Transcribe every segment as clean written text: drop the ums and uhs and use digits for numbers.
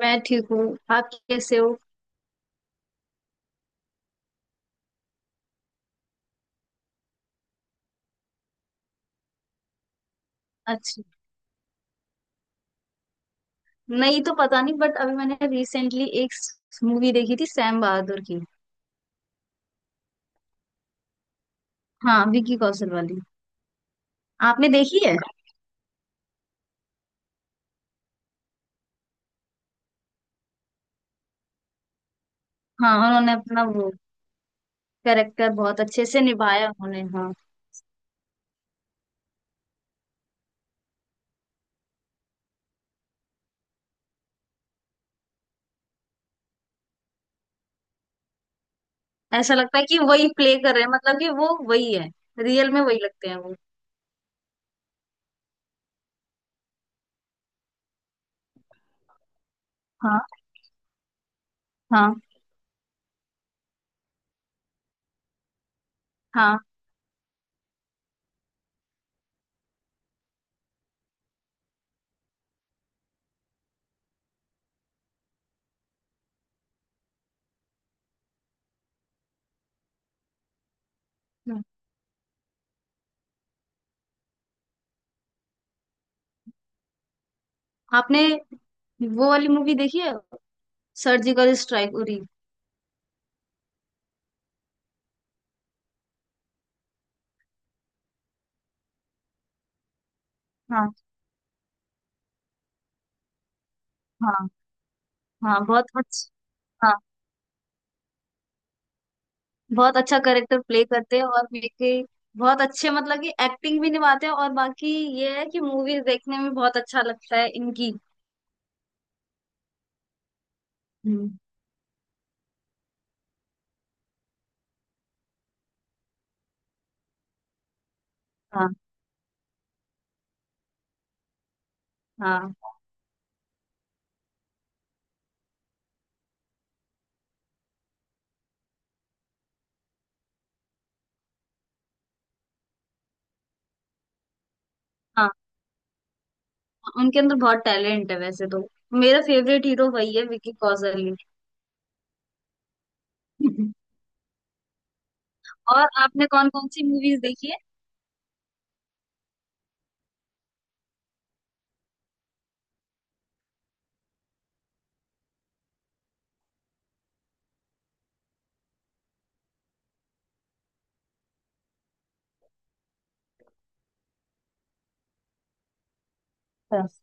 मैं ठीक हूँ। आप कैसे हो? अच्छा, नहीं तो पता नहीं बट अभी मैंने रिसेंटली एक मूवी देखी थी, सैम बहादुर की। हाँ, विकी कौशल वाली। आपने देखी है? हाँ, उन्होंने अपना वो कैरेक्टर बहुत अच्छे से निभाया उन्होंने, हाँ। ऐसा लगता है कि वही प्ले कर रहे हैं, मतलब कि वो वही है, रियल में वही लगते हैं वो। हाँ, हाँ, हाँ, हाँ। आपने वो वाली मूवी देखी है, सर्जिकल स्ट्राइक उरी? हाँ, हाँ, हाँ, बहुत अच्छा। बहुत अच्छा कैरेक्टर प्ले करते हैं, और मेरे बहुत अच्छे मतलब कि एक्टिंग भी निभाते हैं, और बाकी ये है कि मूवीज देखने में बहुत अच्छा लगता है इनकी। हम्म, हाँ, हाँ। हाँ, उनके अंदर बहुत टैलेंट है वैसे तो। मेरा फेवरेट हीरो वही है, विकी कौशल ही। और आपने कौन कौन सी मूवीज देखी है? बस।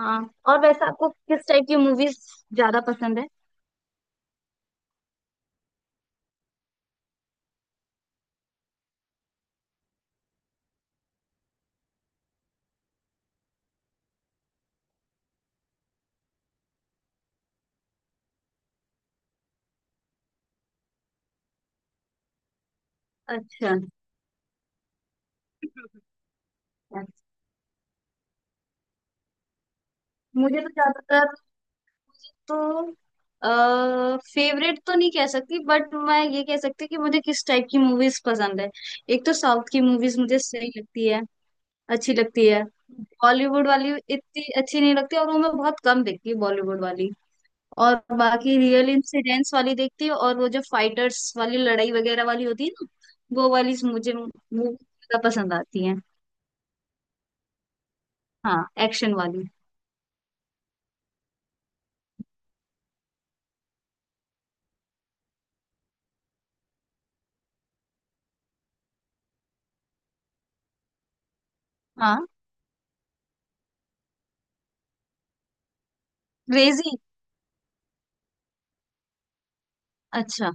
हाँ, और वैसे आपको किस टाइप की मूवीज ज्यादा पसंद है? अच्छा। मुझे तो ज्यादातर तो फेवरेट तो नहीं कह सकती, बट मैं ये कह सकती हूँ कि मुझे किस टाइप की मूवीज पसंद है। एक तो साउथ की मूवीज मुझे सही लगती है, अच्छी लगती है। बॉलीवुड वाली इतनी अच्छी नहीं लगती, और वो मैं बहुत कम देखती हूँ बॉलीवुड वाली। और बाकी रियल इंसिडेंट्स वाली देखती हूँ, और वो जो फाइटर्स वाली लड़ाई वगैरह वाली होती है ना, वो वाली मुझे मूवी ज्यादा पसंद आती है। हाँ, एक्शन वाली। हाँ, क्रेजी। अच्छा,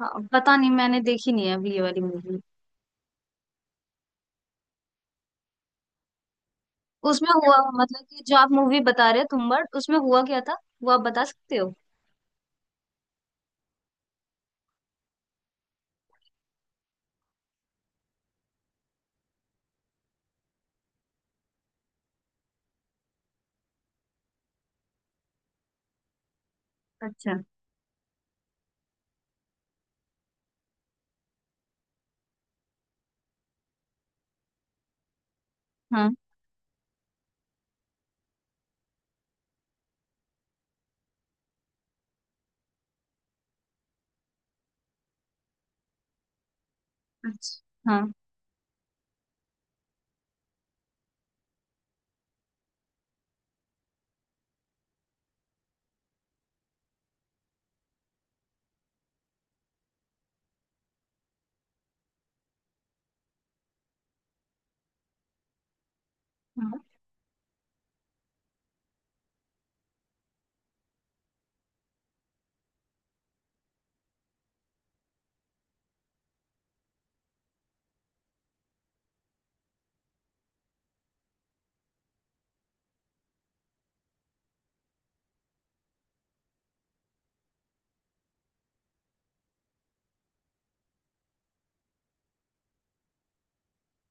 हाँ, पता नहीं, मैंने देखी नहीं है अभी ये वाली मूवी। उसमें हुआ, मतलब कि जो आप मूवी बता रहे हो तुम्बाड़, उसमें हुआ क्या था वो आप बता सकते हो? अच्छा, हाँ। अच्छा, हाँ, हाँ,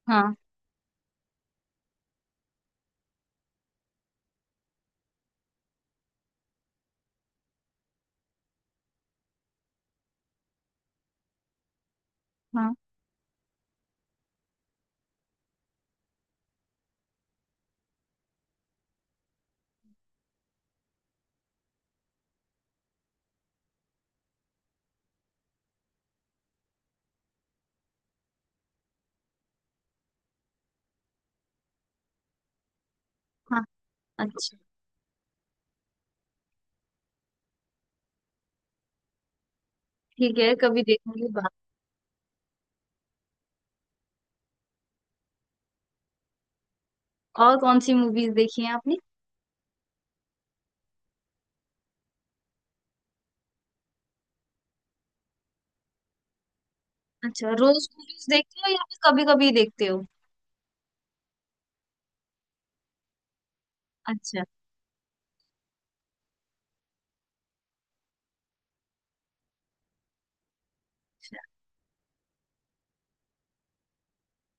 हाँ, हाँ, हाँ। अच्छा, ठीक है, कभी देखेंगे बात। और कौन सी मूवीज देखी हैं आपने? अच्छा, रोज मूवीज देखते हो या फिर कभी कभी देखते हो? अच्छा, अच्छा,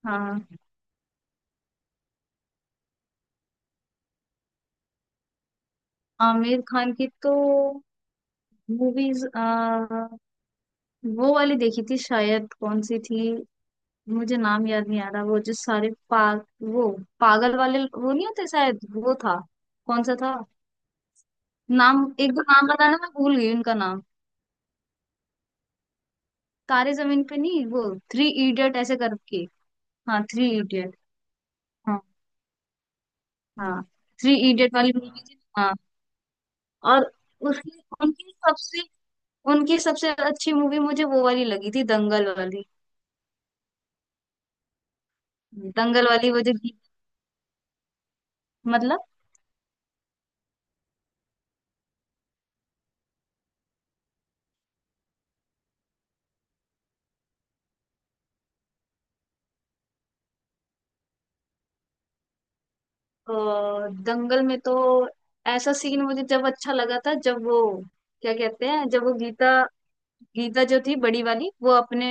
हाँ। आमिर खान की तो मूवीज वो वाली देखी थी, शायद कौन सी थी, मुझे नाम याद नहीं आ रहा। वो जो सारे वो पागल वाले वो नहीं होते, शायद वो था। कौन सा था? नाम, एक दो नाम बताना, मैं भूल गई उनका नाम। तारे जमीन पे नहीं, वो थ्री इडियट ऐसे करके। हाँ, थ्री इडियट। हाँ, हाँ, थ्री इडियट वाली मूवी थी, हाँ। और उसकी उनकी सबसे अच्छी मूवी मुझे वो वाली लगी थी, दंगल वाली। दंगल वाली वो जो गीत- मतलब, और दंगल में तो ऐसा सीन मुझे जब अच्छा लगा था जब वो, क्या कहते हैं, जब वो गीता गीता जो थी बड़ी वाली, वो अपने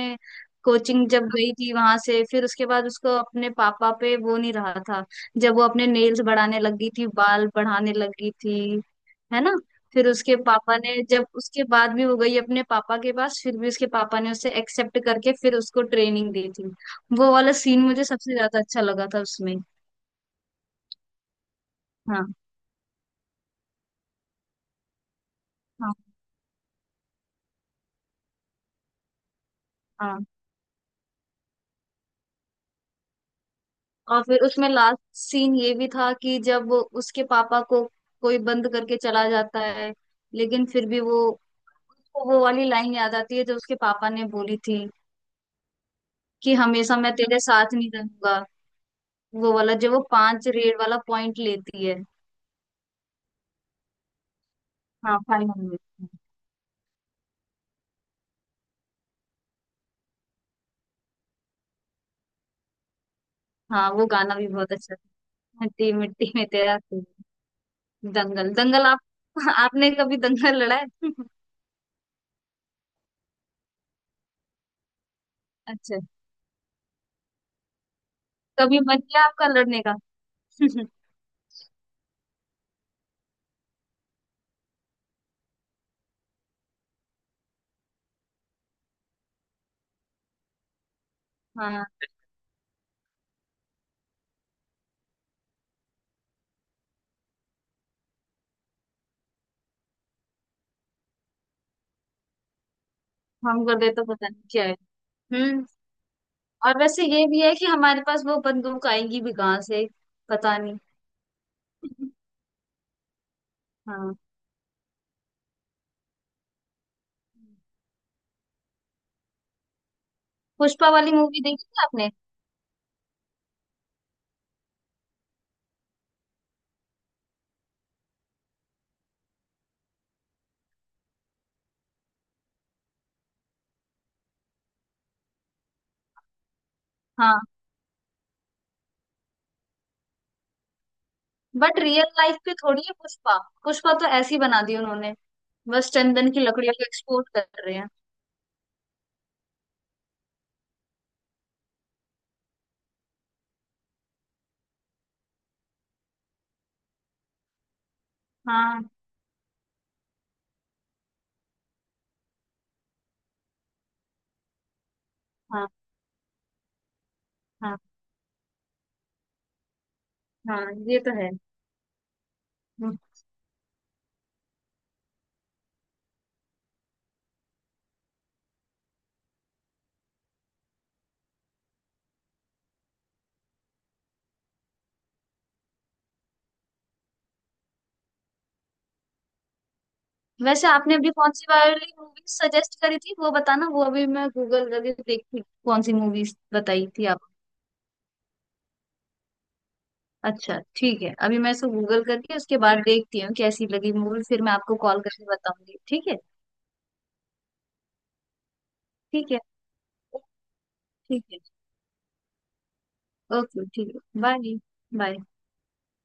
कोचिंग जब गई थी, वहां से फिर उसके बाद उसको अपने पापा पे वो नहीं रहा था, जब वो अपने नेल्स बढ़ाने लगी थी, बाल बढ़ाने लगी थी, है ना? फिर उसके पापा ने, जब उसके बाद भी वो गई अपने पापा के पास, फिर भी उसके पापा ने उसे एक्सेप्ट करके फिर उसको ट्रेनिंग दी थी। वो वाला सीन मुझे सबसे ज्यादा अच्छा लगा था उसमें। हाँ, हाँ, हाँ। और फिर उसमें लास्ट सीन ये भी था कि जब वो, उसके पापा को कोई बंद करके चला जाता है, लेकिन फिर भी वो, उसको वो वाली लाइन याद आती है जो उसके पापा ने बोली थी कि हमेशा मैं तेरे साथ नहीं रहूंगा। वो वाला जो वो पांच रेड वाला पॉइंट लेती है। हाँ, फाइनल में। हाँ, वो गाना भी बहुत अच्छा था। मिट्टी, मिट्टी में तेरा खून। दंगल दंगल आप। आपने कभी दंगल लड़ा है? अच्छा, कभी मन किया आपका लड़ने का? हाँ, हम कर दे तो पता नहीं क्या है। हम्म, और वैसे ये भी है कि हमारे पास वो बंदूक आएंगी भी कहाँ से, पता नहीं। हाँ, पुष्पा वाली मूवी देखी है आपने? हाँ, बट रियल लाइफ पे थोड़ी है पुष्पा, पुष्पा तो ऐसी बना दी उन्होंने, बस चंदन की लकड़ियों को एक्सपोर्ट कर रहे हैं। हाँ, हाँ, हाँ। हाँ, ये तो है। हम्म। वैसे आपने अभी कौन सी वाली मूवी सजेस्ट करी थी, वो बताना, वो अभी मैं गूगल करके देखती हूँ, कौन सी मूवीज बताई थी? अच्छा, ठीक है, अभी मैं इसको गूगल करके उसके बाद देखती हूँ कैसी लगी मूवी, फिर मैं आपको कॉल करके बताऊंगी, ठीक है? ठीक है, ठीक है। ओके, ठीक है, बाय। बाय।